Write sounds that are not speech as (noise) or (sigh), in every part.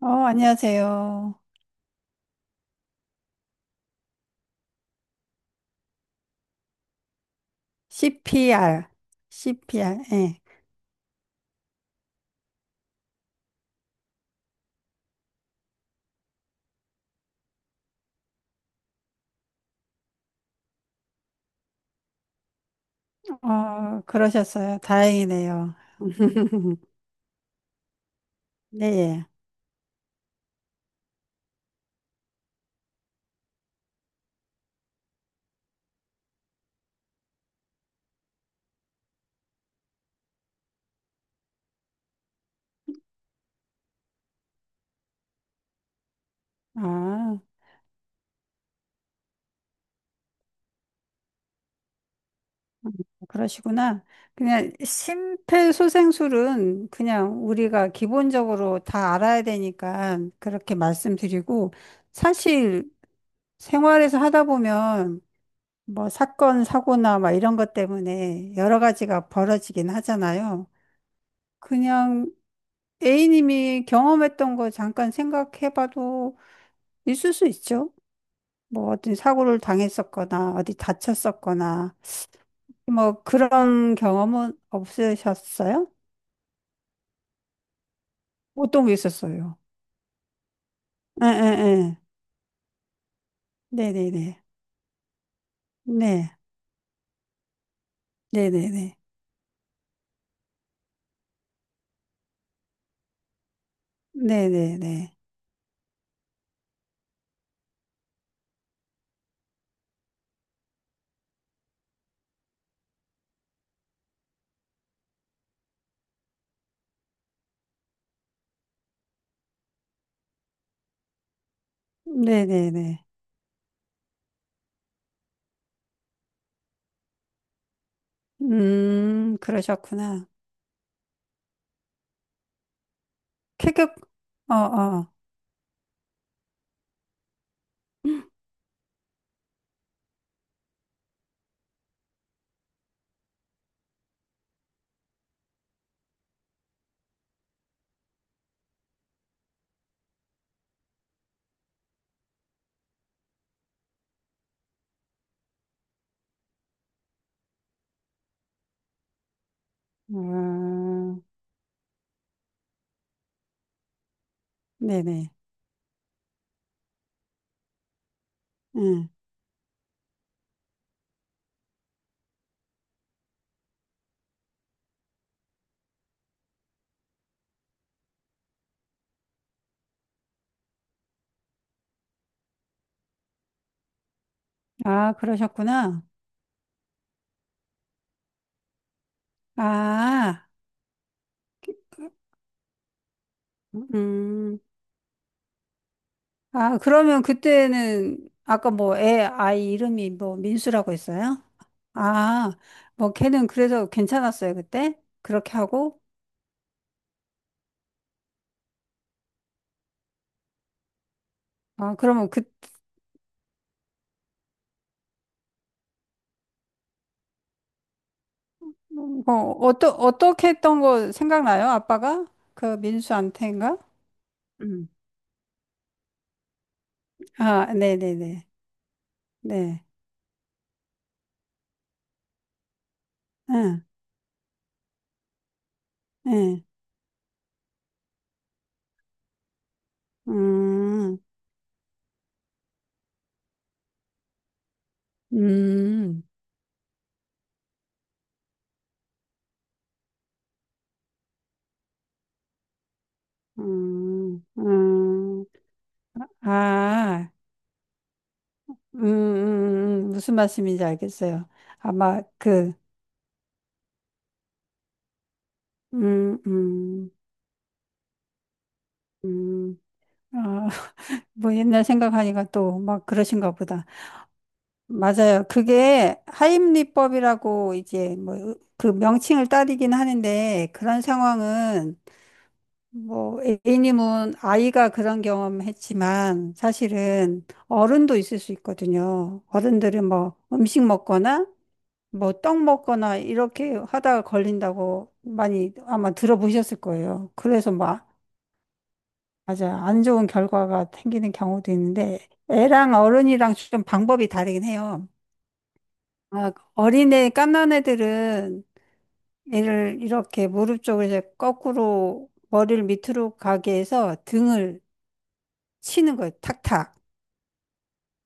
어, 안녕하세요. CPR, CPR, 예. 어, 그러셨어요. 다행이네요. (laughs) 네, 예. 아, 그러시구나. 그냥 심폐소생술은 그냥 우리가 기본적으로 다 알아야 되니까 그렇게 말씀드리고, 사실 생활에서 하다 보면 뭐 사건, 사고나 막 이런 것 때문에 여러 가지가 벌어지긴 하잖아요. 그냥 A님이 경험했던 거 잠깐 생각해봐도 있을 수 있죠. 뭐 어떤 사고를 당했었거나 어디 다쳤었거나 뭐 그런 경험은 없으셨어요? 어떤 게 있었어요? 에에에. 네네네. 네. 네네네. 네네네. 네네네. 음, 그러셨구나. 계급. 어어. 음. 네네. 음아 그러셨구나. 아. 음. 아, 그러면 그때는 아까 뭐 애 아이 이름이 뭐 민수라고 했어요? 아, 뭐 걔는 그래서 괜찮았어요, 그때? 그렇게 하고? 아, 그러면 그, 뭐, 어떠, 어떻게 했던 거 생각나요? 아빠가? 그 민수한테인가? 음. 아, 네네네. 네. 응. 네. 음, 음, 음, 음. 아. 음. 무슨 말씀인지 알겠어요. 아마 그, 음, 음, 음. 아, (laughs) 뭐 옛날 생각하니까 또 막 그러신가 보다. 맞아요. 그게 하임리법이라고 이제 뭐 그 명칭을 따르긴 하는데 그런 상황은 뭐 A님은 아이가 그런 경험했지만 사실은 어른도 있을 수 있거든요. 어른들은 뭐 음식 먹거나 뭐 떡 먹거나 이렇게 하다가 걸린다고 많이 아마 들어보셨을 거예요. 그래서 뭐 맞아요. 안 좋은 결과가 생기는 경우도 있는데, 애랑 어른이랑 좀 방법이 다르긴 해요. 막 어린애, 갓난 애들은 애를 이렇게 무릎 쪽을 이제 거꾸로 머리를 밑으로 가게 해서 등을 치는 거예요. 탁탁.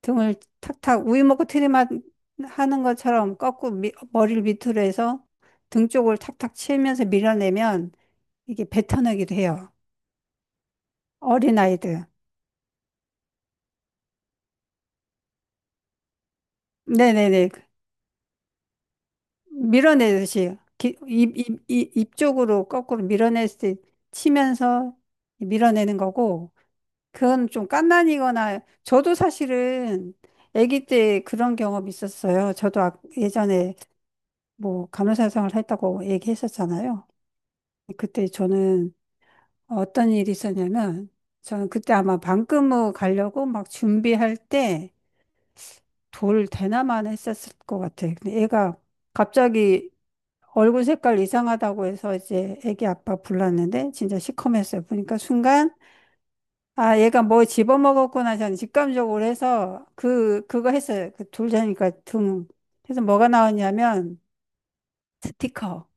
등을 탁탁 우유 먹고 트림하는 것처럼 거꾸로 머리를 밑으로 해서 등 쪽을 탁탁 치면서 밀어내면 이게 뱉어내기도 해요. 어린아이들. 네네네. 밀어내듯이 입 쪽으로 거꾸로 밀어내듯이 치면서 밀어내는 거고, 그건 좀 갓난이거나 저도 사실은 아기 때 그런 경험이 있었어요. 저도 예전에 뭐 간호사 생활 했다고 얘기했었잖아요. 그때 저는 어떤 일이 있었냐면, 저는 그때 아마 방금무 가려고 막 준비할 때 돌 대나만 했었을 것 같아요. 근데 애가 갑자기 얼굴 색깔 이상하다고 해서 이제 애기 아빠 불렀는데 진짜 시커맸어요. 보니까 순간 아 얘가 뭐 집어먹었구나 저는 직감적으로 해서 그거 했어요. 그 돌자니까 등. 그래서 뭐가 나왔냐면 스티커.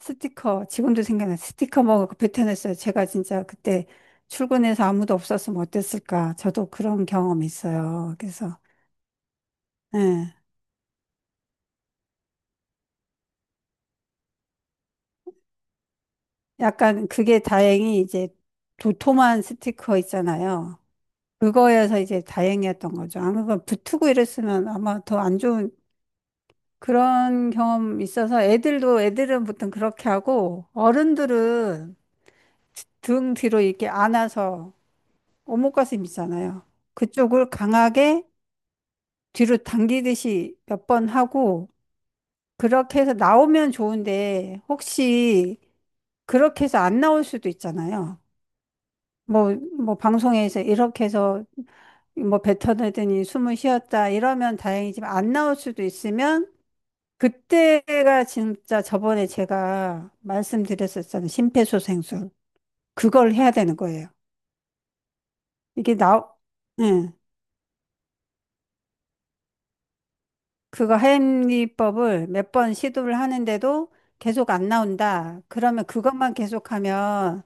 스티커. 지금도 생각나. 스티커 먹고 뱉어냈어요. 제가 진짜 그때 출근해서 아무도 없었으면 어땠을까. 저도 그런 경험 있어요. 그래서 예. 약간 그게 다행히 이제 도톰한 스티커 있잖아요. 그거여서 이제 다행이었던 거죠. 아마 그 붙고 이랬으면 아마 더 안 좋은 그런 경험 있어서 애들도, 애들은 보통 그렇게 하고 어른들은 등 뒤로 이렇게 안아서 오목가슴 있잖아요. 그쪽을 강하게 뒤로 당기듯이 몇 번 하고 그렇게 해서 나오면 좋은데 혹시 그렇게 해서 안 나올 수도 있잖아요. 뭐 방송에서 이렇게 해서 뭐 뱉어내더니 숨을 쉬었다 이러면 다행이지만 안 나올 수도 있으면 그때가 진짜 저번에 제가 말씀드렸었잖아요. 심폐소생술. 그걸 해야 되는 거예요. 이게 나, 응. 그거 하임리법을 몇 번 시도를 하는데도 계속 안 나온다. 그러면 그것만 계속하면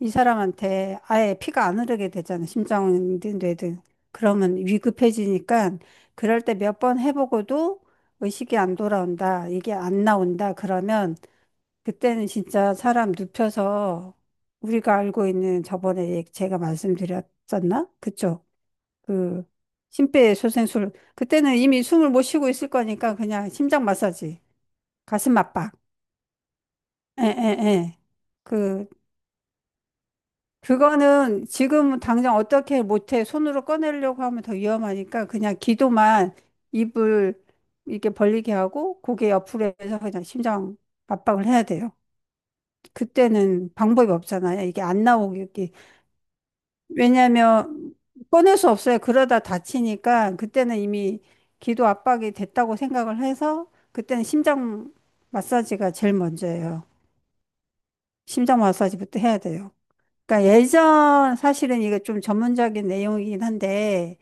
이 사람한테 아예 피가 안 흐르게 되잖아. 심장이든 뇌든. 그러면 위급해지니까 그럴 때 몇 번 해보고도 의식이 안 돌아온다. 이게 안 나온다. 그러면 그때는 진짜 사람 눕혀서 우리가 알고 있는 저번에 제가 말씀드렸었나? 그쵸? 그 심폐소생술. 그때는 이미 숨을 못 쉬고 있을 거니까 그냥 심장 마사지, 가슴 압박. 에, 에, 에. 그 그거는 지금 당장 어떻게 못해. 손으로 꺼내려고 하면 더 위험하니까 그냥 기도만 입을 이렇게 벌리게 하고 고개 옆으로 해서 그냥 심장 압박을 해야 돼요. 그때는 방법이 없잖아요. 이게 안 나오게. 왜냐하면 꺼낼 수 없어요. 그러다 다치니까 그때는 이미 기도 압박이 됐다고 생각을 해서 그때는 심장 마사지가 제일 먼저예요. 심장 마사지부터 해야 돼요. 그러니까 예전 사실은 이거 좀 전문적인 내용이긴 한데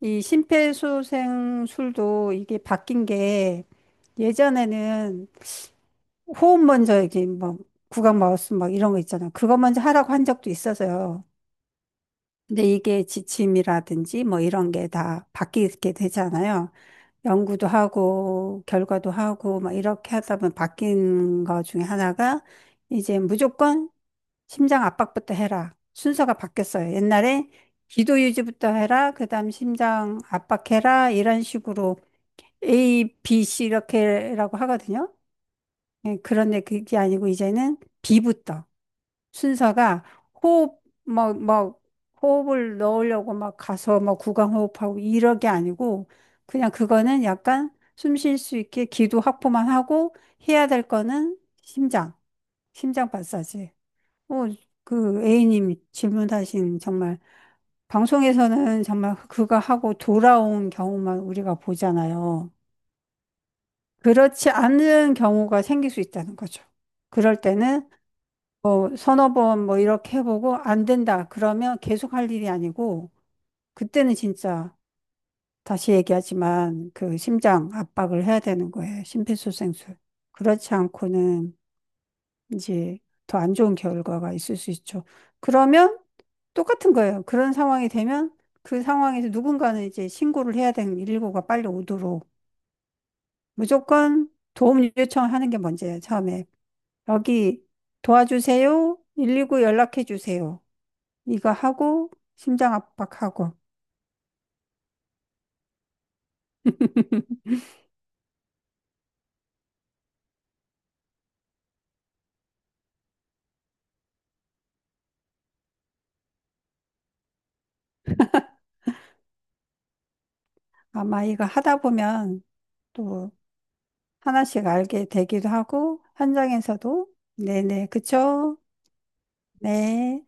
이 심폐소생술도 이게 바뀐 게 예전에는 호흡 먼저 이게 막 구강 마우스 막 이런 거 있잖아. 그거 먼저 하라고 한 적도 있어서요. 근데 이게 지침이라든지 뭐 이런 게 다 바뀌게 되잖아요. 연구도 하고 결과도 하고 막 이렇게 하다 보면 바뀐 거 중에 하나가 이제 무조건 심장 압박부터 해라. 순서가 바뀌었어요. 옛날에 기도 유지부터 해라. 그다음 심장 압박해라. 이런 식으로 A, B, C 이렇게라고 하거든요. 예, 그런데 그게 아니고 이제는 B부터 순서가 호흡 뭐 호흡을 넣으려고 막 가서 뭐 구강호흡하고 이러게 아니고 그냥 그거는 약간 숨 쉴 수 있게 기도 확보만 하고 해야 될 거는 심장, 심장 마사지. 어, 그 A님이 질문하신 정말 방송에서는 정말 그거 하고 돌아온 경우만 우리가 보잖아요. 그렇지 않은 경우가 생길 수 있다는 거죠. 그럴 때는 뭐 서너 번 뭐 이렇게 해보고 안 된다. 그러면 계속 할 일이 아니고 그때는 진짜 다시 얘기하지만 그 심장 압박을 해야 되는 거예요. 심폐소생술. 그렇지 않고는 이제 더 안 좋은 결과가 있을 수 있죠. 그러면 똑같은 거예요. 그런 상황이 되면 그 상황에서 누군가는 이제 신고를 해야 되는 119가 빨리 오도록 무조건 도움 요청하는 게 먼저예요. 처음에 여기 도와주세요. 119 연락해 주세요. 이거 하고 심장 압박하고 (laughs) 아마 이거 하다 보면 또 하나씩 알게 되기도 하고 현장에서도 네네 그쵸? 네.